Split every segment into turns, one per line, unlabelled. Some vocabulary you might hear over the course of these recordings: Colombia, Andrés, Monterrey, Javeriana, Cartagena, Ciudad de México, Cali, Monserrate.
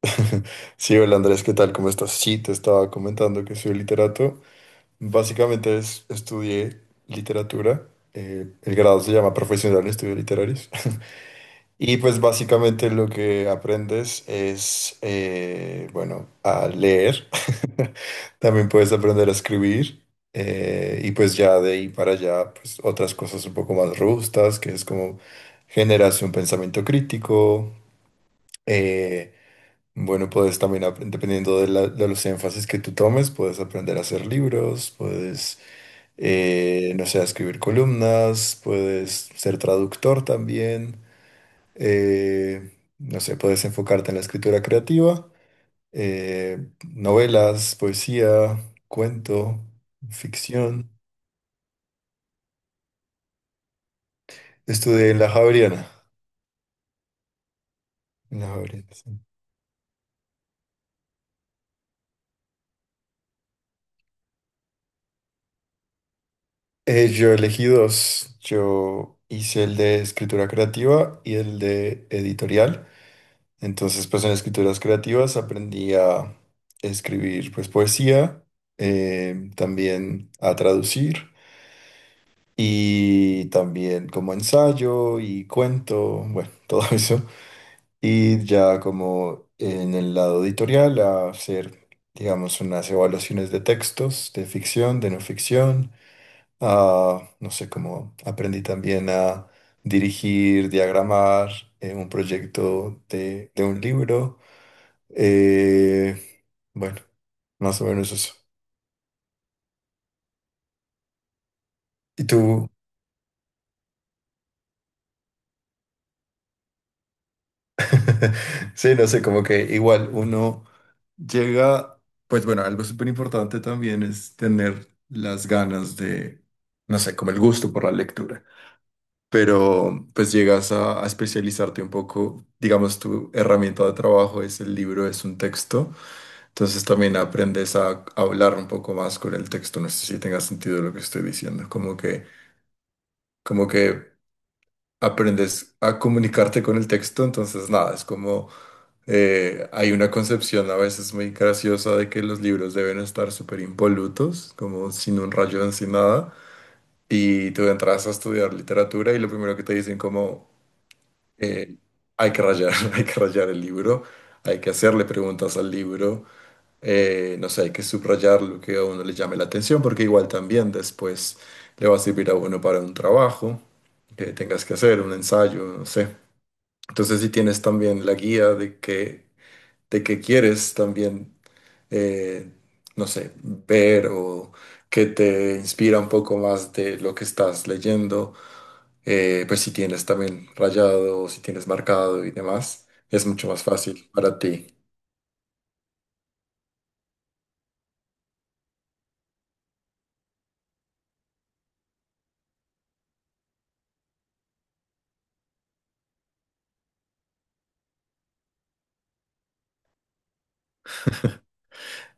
Sí, hola Andrés, ¿qué tal? ¿Cómo estás? Sí, te estaba comentando que soy literato. Básicamente estudié literatura. El grado se llama Profesional de Estudios Literarios. Y pues básicamente lo que aprendes es, bueno, a leer. También puedes aprender a escribir. Y pues ya de ahí para allá, pues otras cosas un poco más robustas, que es como generas un pensamiento crítico. eh, bueno, Puedes también, dependiendo de, de los énfasis que tú tomes, puedes aprender a hacer libros, puedes, no sé, a escribir columnas, puedes ser traductor también, eh, no sé, puedes enfocarte en la escritura creativa, eh, novelas, poesía, cuento, ficción. Estudié en la Javeriana. En la Javeriana, sí. Yo elegí dos. Yo hice el de escritura creativa y el de editorial. Entonces, pues en escrituras creativas aprendí a escribir pues poesía, también a traducir y también como ensayo y cuento, bueno, todo eso. Y ya como en el lado editorial a hacer, digamos, unas evaluaciones de textos, de ficción, de no ficción, a, no sé, como aprendí también a dirigir, diagramar un proyecto de un libro. eh, bueno, Más o menos eso. Y tú, sí, no sé, como que igual uno llega, pues bueno, algo súper importante también es tener las ganas de, no sé, como el gusto por la lectura, pero pues llegas a especializarte un poco, digamos, tu herramienta de trabajo es el libro, es un texto, entonces también aprendes a hablar un poco más con el texto, no sé si tenga sentido lo que estoy diciendo, como que, como que... aprendes a comunicarte con el texto, entonces nada, es como hay una concepción a veces muy graciosa de que los libros deben estar súper impolutos, como sin un rayón, sin nada, y tú entras a estudiar literatura y lo primero que te dicen como eh, hay que rayar, hay que rayar el libro, hay que hacerle preguntas al libro, no sé, hay que subrayar lo que a uno le llame la atención, porque igual también después le va a servir a uno para un trabajo que tengas que hacer, un ensayo, no sé. Entonces, si tienes también la guía de que, de qué quieres también, eh, no sé, ver o que te inspira un poco más de lo que estás leyendo, pues si tienes también rayado, o si tienes marcado y demás, es mucho más fácil para ti.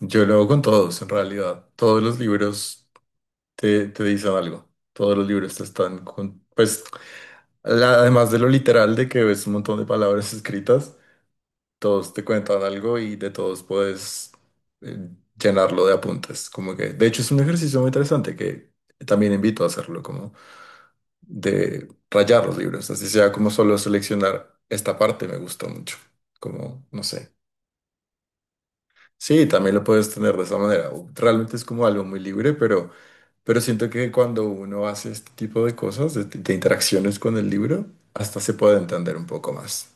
Yo lo hago con todos, en realidad. Todos los libros te, te dicen algo. Todos los libros te están con, pues, además de lo literal de que ves un montón de palabras escritas. Todos te cuentan algo y de todos puedes eh, llenarlo de apuntes. Como que, de hecho, es un ejercicio muy interesante que también invito a hacerlo, como de rayar los libros, así sea como solo seleccionar esta parte me gustó mucho, como, no sé. Sí, también lo puedes tener de esa manera. O realmente es como algo muy libre, pero siento que cuando uno hace este tipo de cosas, de interacciones con el libro, hasta se puede entender un poco más.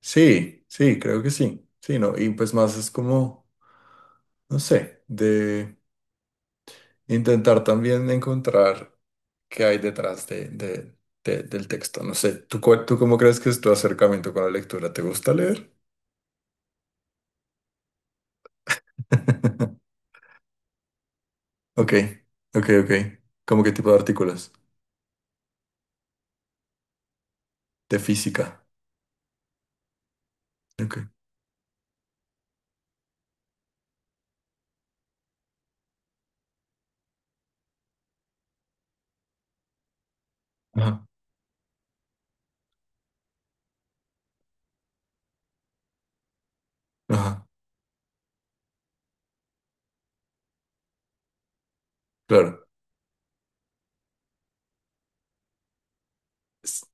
Sí, sí, creo que sí. Sí, no, y pues más es como no sé, de intentar también encontrar qué hay detrás de, del texto. No sé, ¿tú, tú cómo crees que es tu acercamiento con la lectura? ¿Te gusta leer? Ok, ok, ok. ¿Cómo qué tipo de artículos? De física. Ok. Ajá. Ajá. Claro. Es-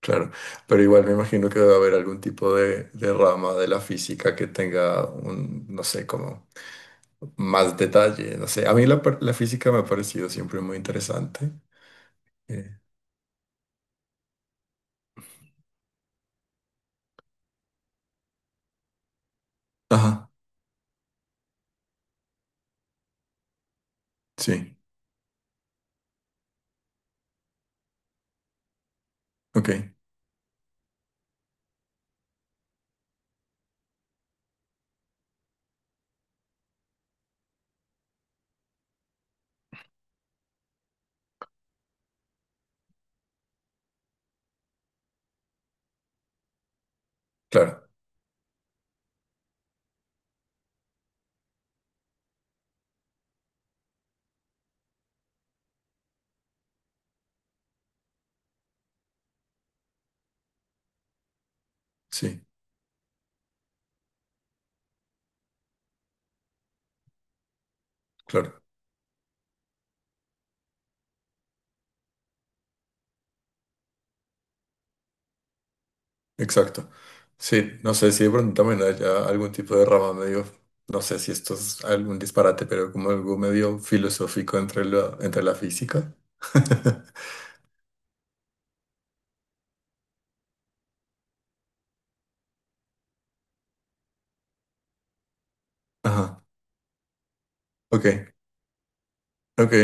Claro. Pero igual me imagino que debe haber algún tipo de rama de la física que tenga un, no sé, como más detalle. No sé. A mí la, la física me ha parecido siempre muy interesante. Eh, Ajá. Sí, ok, claro, sí, claro, exacto. Sí, no sé si de pronto también haya algún tipo de rama medio, no sé si esto es algún disparate, pero como algo medio filosófico entre la física. Ajá, ok, ok,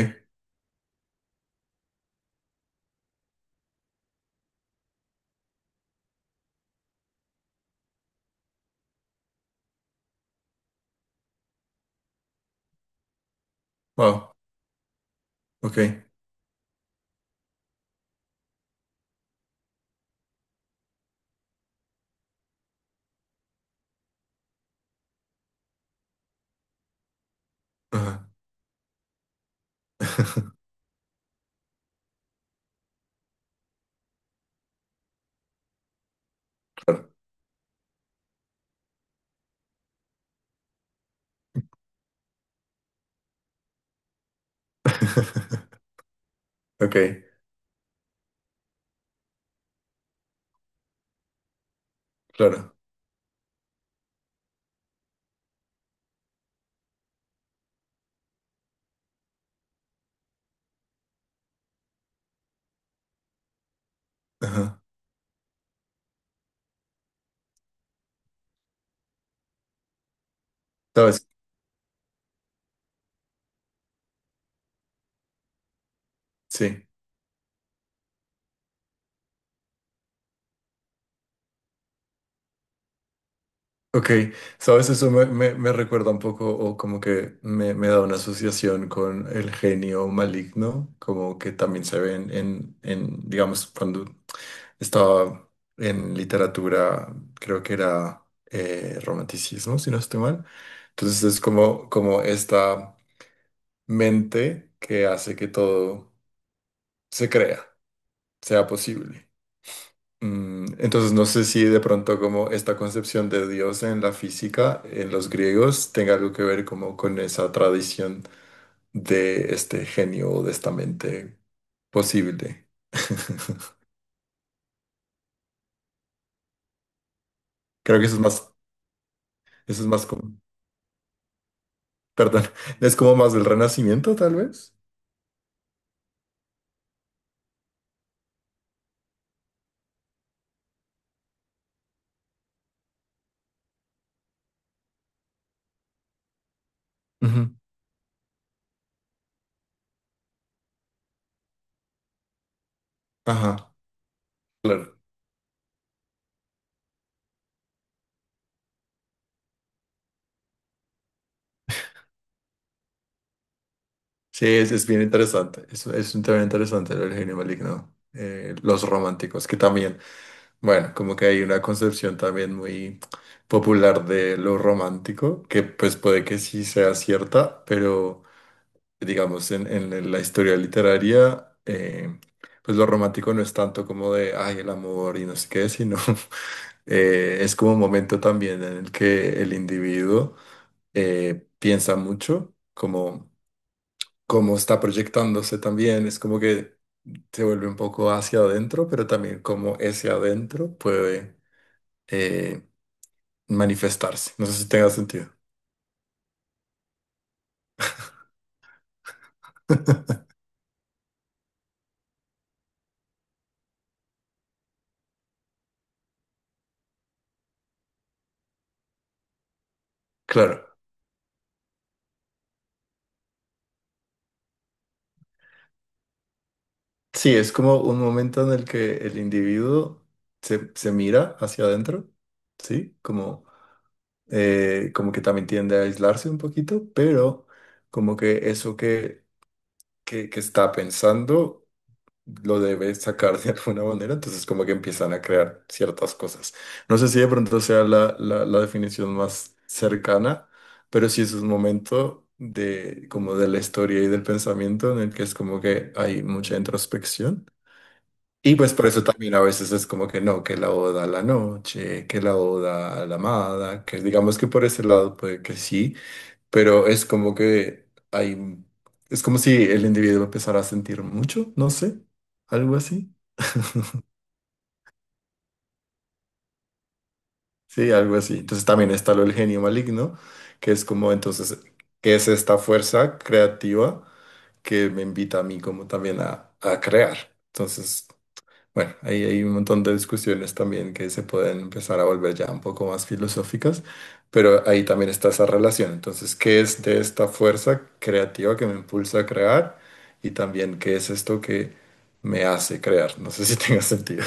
wow, ok, ajá, claro, ok, claro, ajá, ¿sabes? Sí. Ok, sabes, eso me, me, me recuerda un poco o como que me da una asociación con el genio maligno, como que también se ve en, digamos, cuando estaba en literatura, creo que era romanticismo, si no estoy mal. Entonces es como, como esta mente que hace que todo se crea, sea posible. Mm, entonces no sé si de pronto como esta concepción de Dios en la física, en los griegos, tenga algo que ver como con esa tradición de este genio o de esta mente posible. Creo que eso es más como, perdón, es como más del Renacimiento tal vez. Ujú. Ajá, claro. Sí, es bien interesante. Es un tema interesante el genio maligno. Los románticos, que también bueno, como que hay una concepción también muy popular de lo romántico, que pues puede que sí sea cierta, pero digamos en la historia literaria, pues lo romántico no es tanto como de, ay, el amor y no sé qué, sino es como un momento también en el que el individuo piensa mucho, como, como está proyectándose también, es como que se vuelve un poco hacia adentro, pero también como ese adentro puede eh, manifestarse. No sé si tenga sentido. Claro. Sí, es como un momento en el que el individuo se, se mira hacia adentro, ¿sí? Como, como que también tiende a aislarse un poquito, pero como que eso que está pensando lo debe sacar de alguna manera, entonces como que empiezan a crear ciertas cosas. No sé si de pronto sea la, la, la definición más cercana, pero sí es un momento de como de la historia y del pensamiento en el que es como que hay mucha introspección. Y pues por eso también a veces es como que no, que la oda a la noche, que la oda a la amada, que digamos que por ese lado puede que sí, pero es como que hay, es como si el individuo empezara a sentir mucho, no sé, algo así, sí, algo así. Entonces también está lo del genio maligno, que es como entonces, que es esta fuerza creativa que me invita a mí como también a crear. Entonces... bueno, ahí hay un montón de discusiones también que se pueden empezar a volver ya un poco más filosóficas, pero ahí también está esa relación. Entonces, ¿qué es de esta fuerza creativa que me impulsa a crear? Y también, ¿qué es esto que me hace crear? No sé si tenga sentido.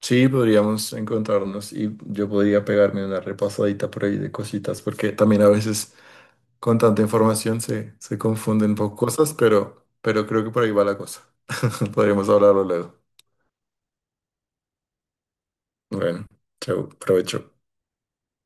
Sí, podríamos encontrarnos y yo podría pegarme una repasadita por ahí de cositas, porque también a veces con tanta información se, se confunden un poco cosas, pero creo que por ahí va la cosa. Podríamos hablarlo luego. Bueno, chao provecho.